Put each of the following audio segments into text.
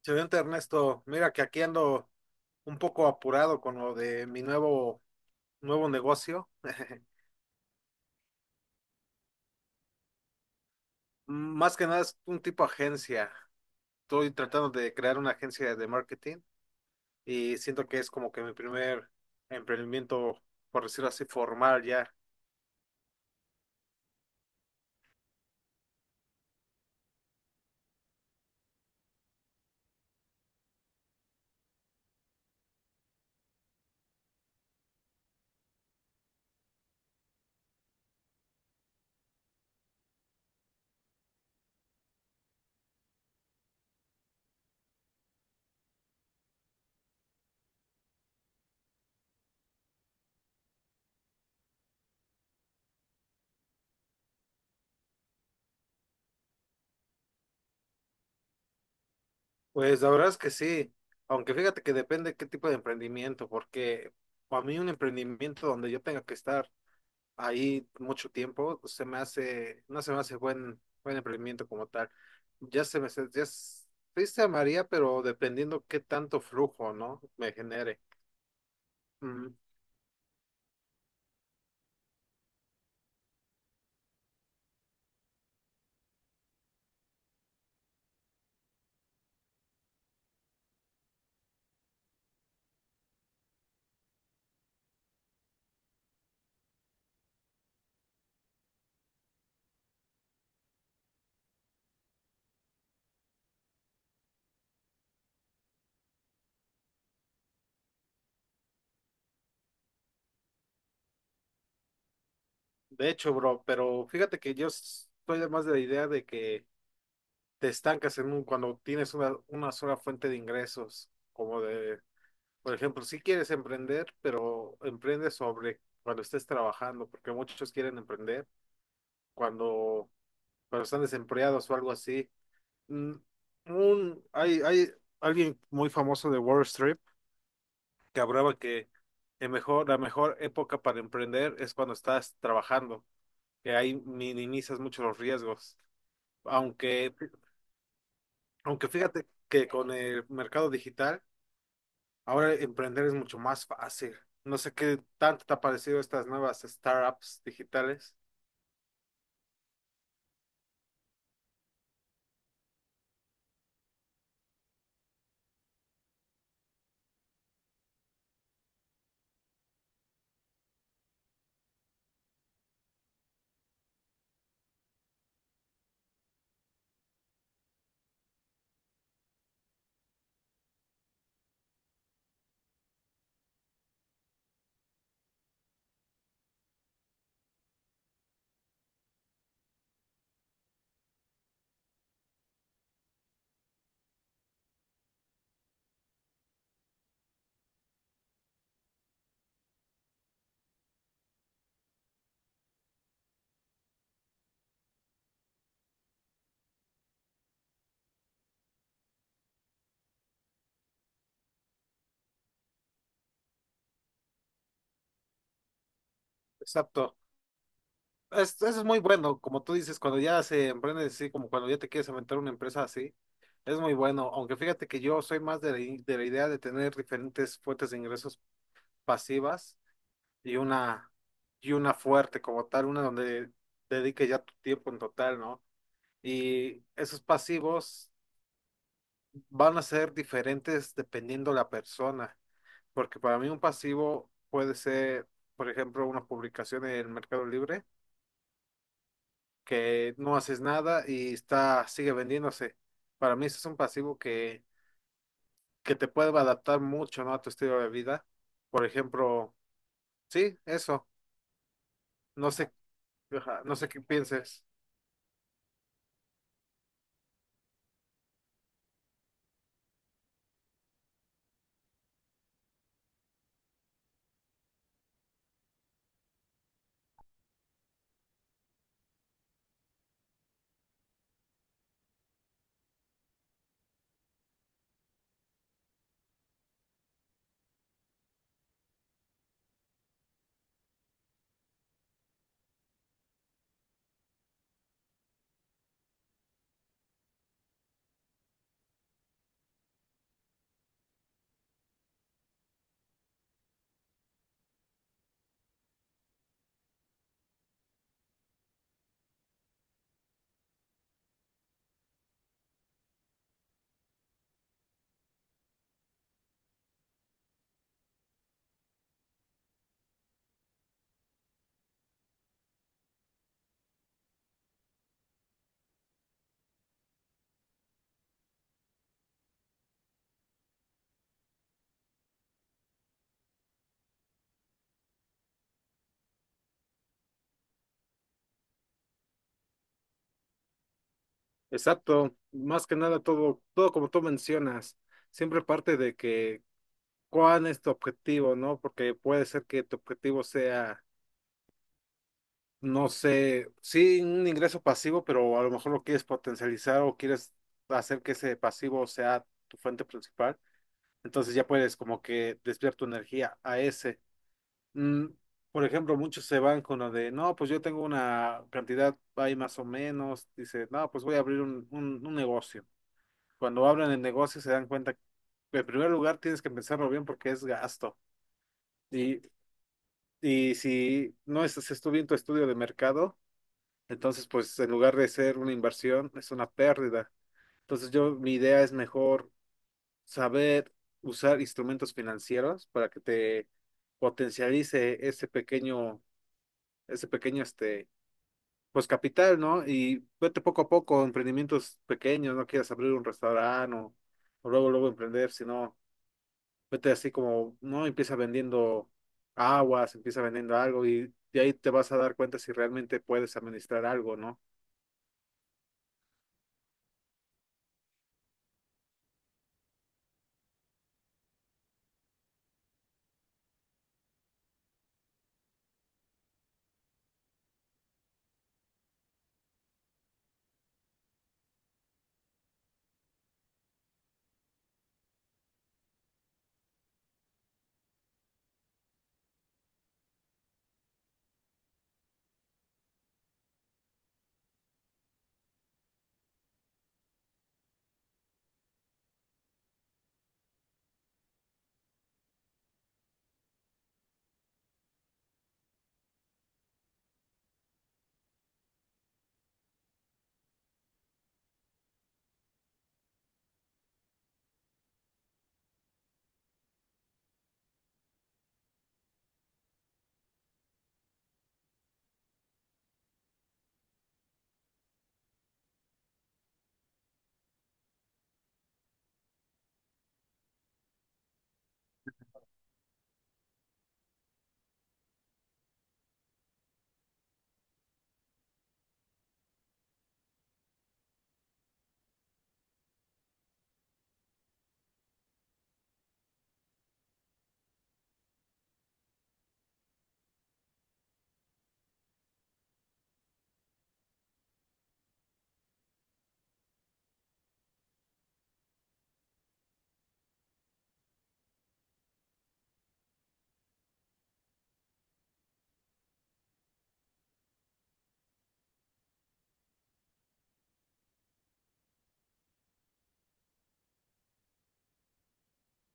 Excelente, Ernesto. Mira que aquí ando un poco apurado con lo de mi nuevo negocio. Más que nada es un tipo agencia. Estoy tratando de crear una agencia de marketing y siento que es como que mi primer emprendimiento, por decirlo así, formal ya. Pues la verdad es que sí, aunque fíjate que depende qué tipo de emprendimiento, porque para mí un emprendimiento donde yo tenga que estar ahí mucho tiempo, se me hace, no se me hace buen emprendimiento como tal. Ya se me, se- ya s- Sí se amaría, pero dependiendo qué tanto flujo, ¿no? Me genere. Mm. De hecho, bro, pero fíjate que yo estoy más de la idea de que te estancas en un, cuando tienes una sola fuente de ingresos, como de, por ejemplo, si quieres emprender, pero emprende sobre cuando estés trabajando, porque muchos quieren emprender cuando, cuando están desempleados o algo así. mm, Hay alguien muy famoso de Wall Street que hablaba que la mejor época para emprender es cuando estás trabajando, que ahí minimizas mucho los riesgos. Aunque, aunque fíjate que con el mercado digital, ahora emprender es mucho más fácil. No sé qué tanto te ha parecido estas nuevas startups digitales. Exacto. Eso es muy bueno, como tú dices, cuando ya se emprende así, como cuando ya te quieres aventar una empresa así, es muy bueno, aunque fíjate que yo soy más de de la idea de tener diferentes fuentes de ingresos pasivas y una, y una fuerte como tal, una donde dedique ya tu tiempo en total, ¿no? Y esos pasivos van a ser diferentes dependiendo la persona, porque para mí un pasivo puede ser, por ejemplo, una publicación en el Mercado Libre que no haces nada y está, sigue vendiéndose. Para mí eso es un pasivo que te puede adaptar mucho, ¿no?, a tu estilo de vida. Por ejemplo, sí, eso. No sé, ajá, no sé qué pienses. Exacto, más que nada todo como tú mencionas, siempre parte de que cuál es tu objetivo, ¿no? Porque puede ser que tu objetivo sea, no sé, sí un ingreso pasivo, pero a lo mejor lo quieres potencializar o quieres hacer que ese pasivo sea tu fuente principal. Entonces ya puedes como que desviar tu energía a ese. Mm, por ejemplo, muchos se van con lo de, no, pues yo tengo una cantidad ahí más o menos. Dice, no, pues voy a abrir un negocio. Cuando abren el negocio se dan cuenta que en primer lugar tienes que pensarlo bien porque es gasto. Y, y si no estás estudiando bien tu estudio de mercado, entonces pues en lugar de ser una inversión, es una pérdida. Entonces yo, mi idea es mejor saber usar instrumentos financieros para que te potencialice ese pequeño, este, pues capital, ¿no? Y vete poco a poco, emprendimientos pequeños, no quieras abrir un restaurante o luego, luego emprender, sino vete así como, no, empieza vendiendo aguas, empieza vendiendo algo y de ahí te vas a dar cuenta si realmente puedes administrar algo, ¿no?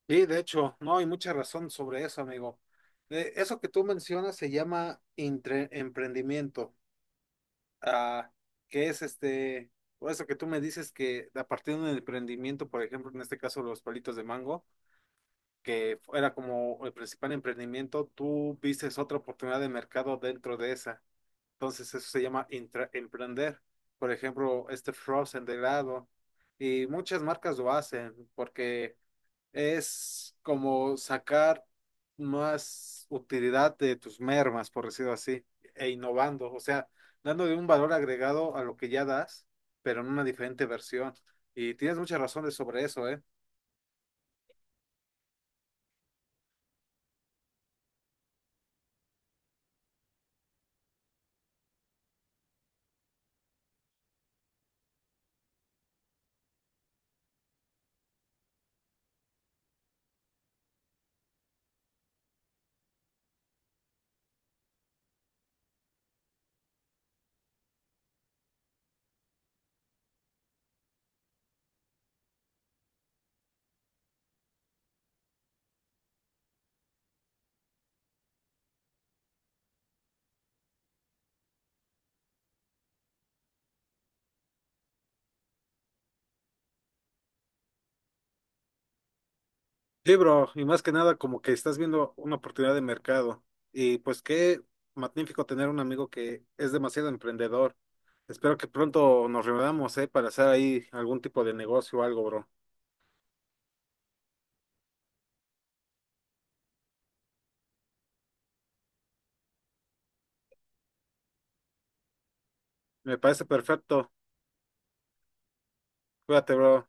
Sí, de hecho, no, hay mucha razón sobre eso, amigo. Eso que tú mencionas se llama emprendimiento. Ah, que es este, por eso que tú me dices que a partir de un emprendimiento, por ejemplo, en este caso los palitos de mango, que era como el principal emprendimiento, tú vistes otra oportunidad de mercado dentro de esa. Entonces eso se llama intra- emprender. Por ejemplo, este Frozen de helado. Y muchas marcas lo hacen porque es como sacar más utilidad de tus mermas, por decirlo así, e innovando, o sea, dándole un valor agregado a lo que ya das, pero en una diferente versión. Y tienes muchas razones sobre eso, ¿eh? Sí, bro, y más que nada como que estás viendo una oportunidad de mercado. Y pues qué magnífico tener un amigo que es demasiado emprendedor. Espero que pronto nos reunamos, ¿eh? Para hacer ahí algún tipo de negocio o algo, bro. Me parece perfecto. Cuídate, bro.